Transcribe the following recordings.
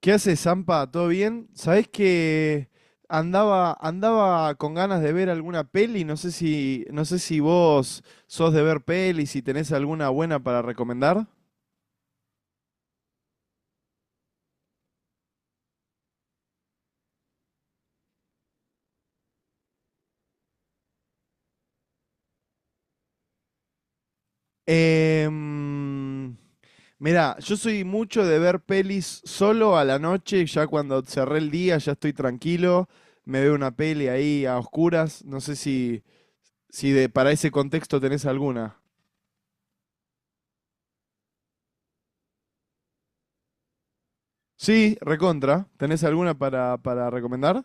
¿Qué haces, Zampa? ¿Todo bien? ¿Sabés que andaba con ganas de ver alguna peli? No sé si vos sos de ver pelis, si tenés alguna buena para recomendar. Em, Mirá, yo soy mucho de ver pelis solo a la noche, ya cuando cerré el día, ya estoy tranquilo, me veo una peli ahí a oscuras. No sé si para ese contexto tenés alguna. Sí, recontra. ¿Tenés alguna para recomendar?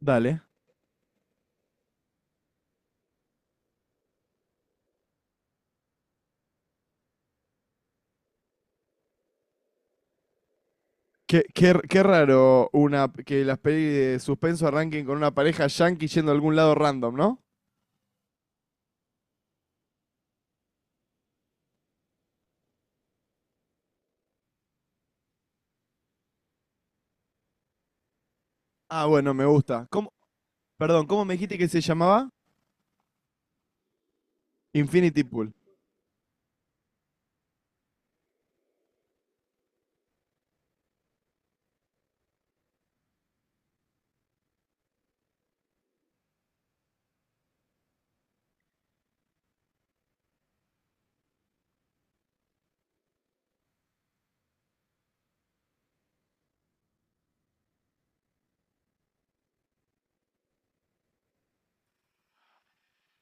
Dale. Qué raro una, que las pelis de suspenso arranquen con una pareja yankee yendo a algún lado random, ¿no? Ah, bueno, me gusta. Perdón, ¿cómo me dijiste que se llamaba? Infinity Pool.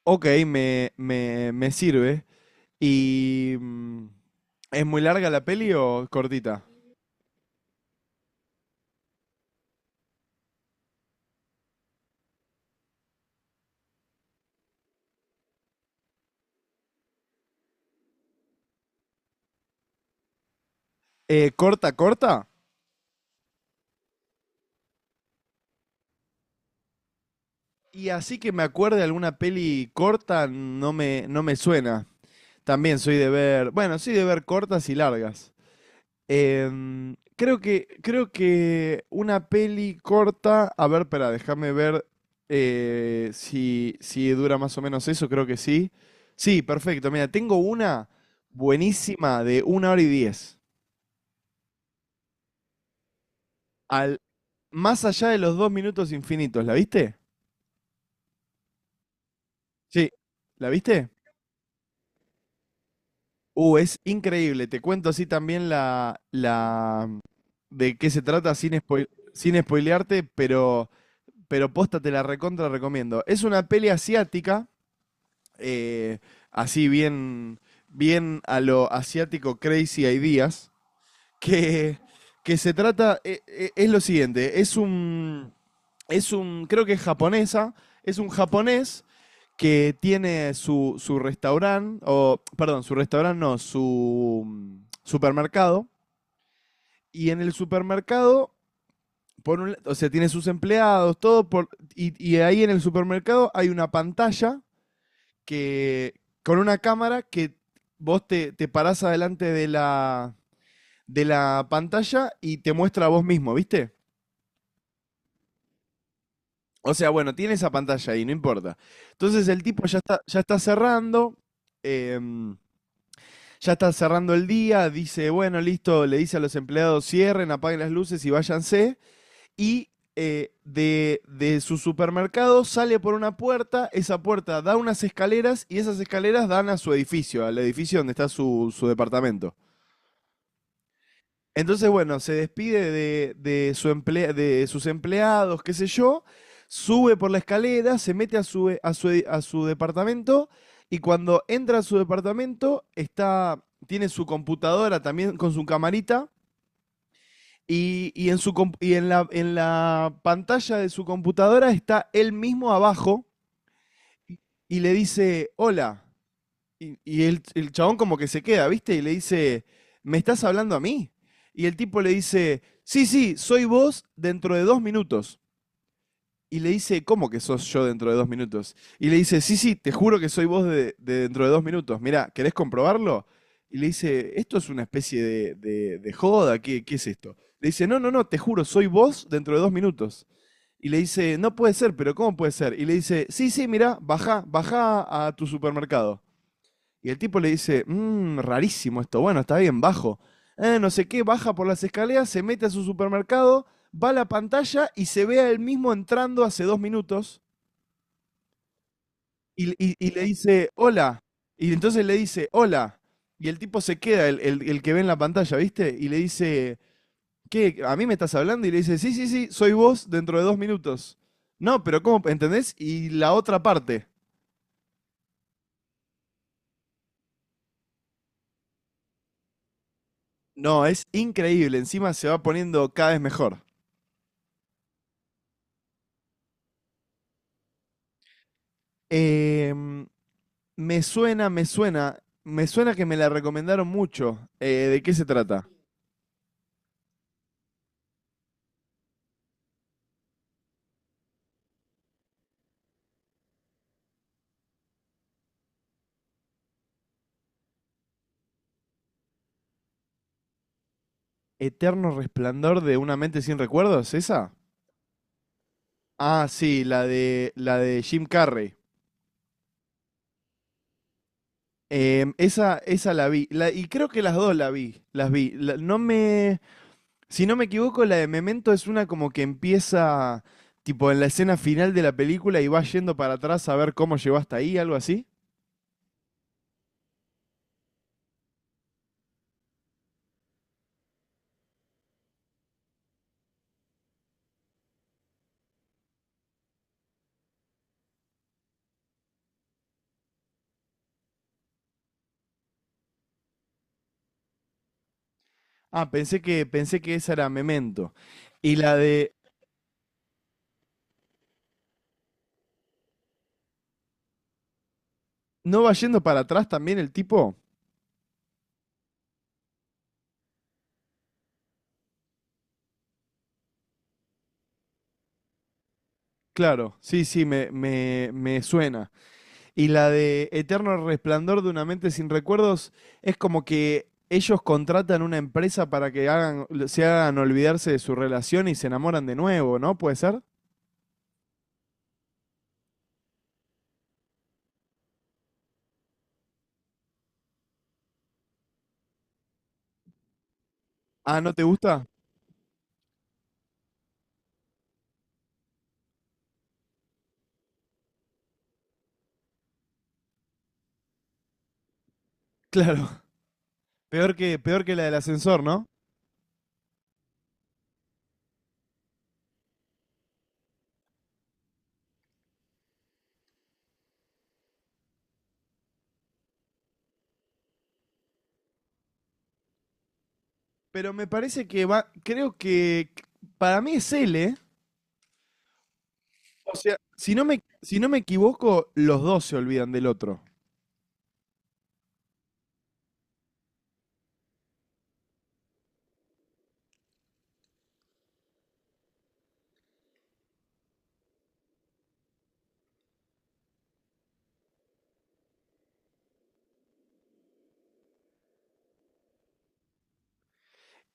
Ok, me sirve. ¿Y es muy larga la peli o cortita? ¿Corta, corta? Y así que me acuerde alguna peli corta, no me suena. También soy de ver, bueno, soy de ver cortas y largas. Creo que una peli corta. A ver, espera, déjame ver si dura más o menos eso. Creo que sí. Sí, perfecto. Mira, tengo una buenísima de 1 hora y 10. Al, Más allá de los dos minutos infinitos. ¿La viste? Sí. ¿la viste? Es increíble. Te cuento así también la de qué se trata sin sin spoilearte, pero posta te la recontra recomiendo. Es una peli asiática, eh, así bien, bien a lo asiático crazy ideas, que, que se trata, es lo siguiente, es un, creo que es japonesa, es un japonés que tiene su, su restaurante, o perdón, su restaurante no, su supermercado, y en el supermercado por un o sea, tiene sus empleados, todo, y ahí en el supermercado hay una pantalla que, con una cámara que vos te parás adelante de de la pantalla y te muestra a vos mismo, ¿viste? O sea, bueno, tiene esa pantalla ahí, no importa. Entonces el tipo em, ya está cerrando el día, dice, bueno, listo, le dice a los empleados, cierren, apaguen las luces y váyanse. Y de su supermercado sale por una puerta, esa puerta da unas escaleras y esas escaleras dan a su edificio, al edificio donde está su, su departamento. Entonces, bueno, se despide de su de sus empleados, qué sé yo, sube por la escalera, se mete a a su departamento y cuando entra a su departamento está, tiene su computadora también con su camarita. En la pantalla de su computadora está él mismo abajo y- y le dice, hola. Y el chabón como que se queda, ¿viste? Y le dice, ¿me estás hablando a mí? Y el tipo le dice, sí, sí, soy vos dentro de dos minutos. Y le dice, ¿cómo que sos yo dentro de dos minutos? Y le dice, sí, sí, te juro que soy vos de dentro de dos minutos. Mirá, ¿querés comprobarlo? Y le dice, ¿esto es una especie de joda? ¿Qué es esto? Le dice, no, no, no, te juro, soy vos dentro de dos minutos. Y le dice, no puede ser, pero ¿cómo puede ser? Y le dice, sí, sí, mirá, baja, baja a tu supermercado. Y el tipo le dice, rarísimo esto, bueno, está bien, bajo. No sé qué, baja por las escaleras, se mete a su supermercado, va a la pantalla y se ve a él mismo entrando hace dos minutos y le dice, hola. Y entonces le dice, hola. Y el tipo se queda, el que ve en la pantalla, ¿viste? Y le dice, ¿qué? ¿A mí me estás hablando? Y le dice, sí, sí, sí, soy vos dentro de dos minutos. No, pero ¿cómo? ¿Entendés? Y la otra parte. No, es increíble, encima se va poniendo cada vez mejor. Em, Me suena que me la recomendaron mucho. ¿De qué se trata? ¿Eterno resplandor de una mente sin recuerdos? ¿Esa? Ah, sí, la de Jim Carrey. Esa la vi. Y creo que las dos la vi. Las vi. La- no me. Si no me equivoco, la de Memento es una como que empieza tipo en la escena final de la película y va yendo para atrás a ver cómo llegó hasta ahí, algo así. Ah, pensé que esa era Memento. Y la de. ¿No va yendo para atrás también el tipo? Claro, sí, sí, me suena. Y la de Eterno Resplandor de una mente sin recuerdos es como que ellos contratan una empresa para que hagan, se hagan olvidarse de su relación y se enamoran de nuevo, ¿no? ¿Puede ser? Ah, ¿no te gusta? Claro, peor que la del ascensor, ¿no? Pero me parece que va, creo que para mí es él, ¿eh? O sea, si no me equivoco, los dos se olvidan del otro.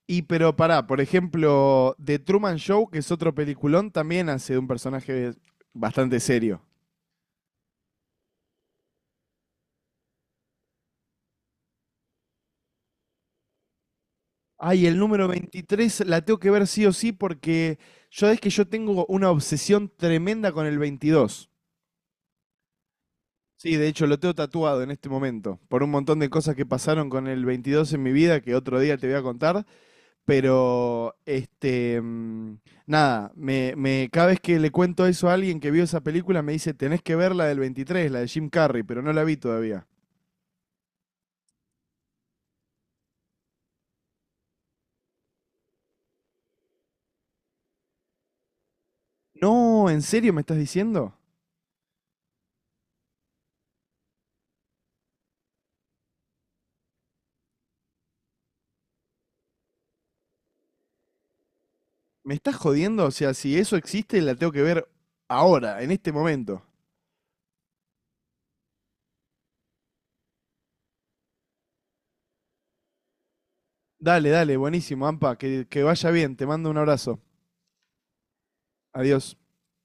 Y pero pará, por ejemplo, The Truman Show, que es otro peliculón, también hace de un personaje bastante serio. Ay, el número 23 la tengo que ver sí o sí porque yo es que yo tengo una obsesión tremenda con el 22. Sí, de hecho lo tengo tatuado en este momento, por un montón de cosas que pasaron con el 22 en mi vida que otro día te voy a contar. Pero, este, nada, cada vez que le cuento eso a alguien que vio esa película, me dice, tenés que ver la del 23, la de Jim Carrey, pero no la vi todavía. No, ¿en serio me estás diciendo? ¿Me estás jodiendo? O sea, si eso existe, la tengo que ver ahora, en este momento. Dale, dale, buenísimo, Ampa, que vaya bien, te mando un abrazo. Adiós.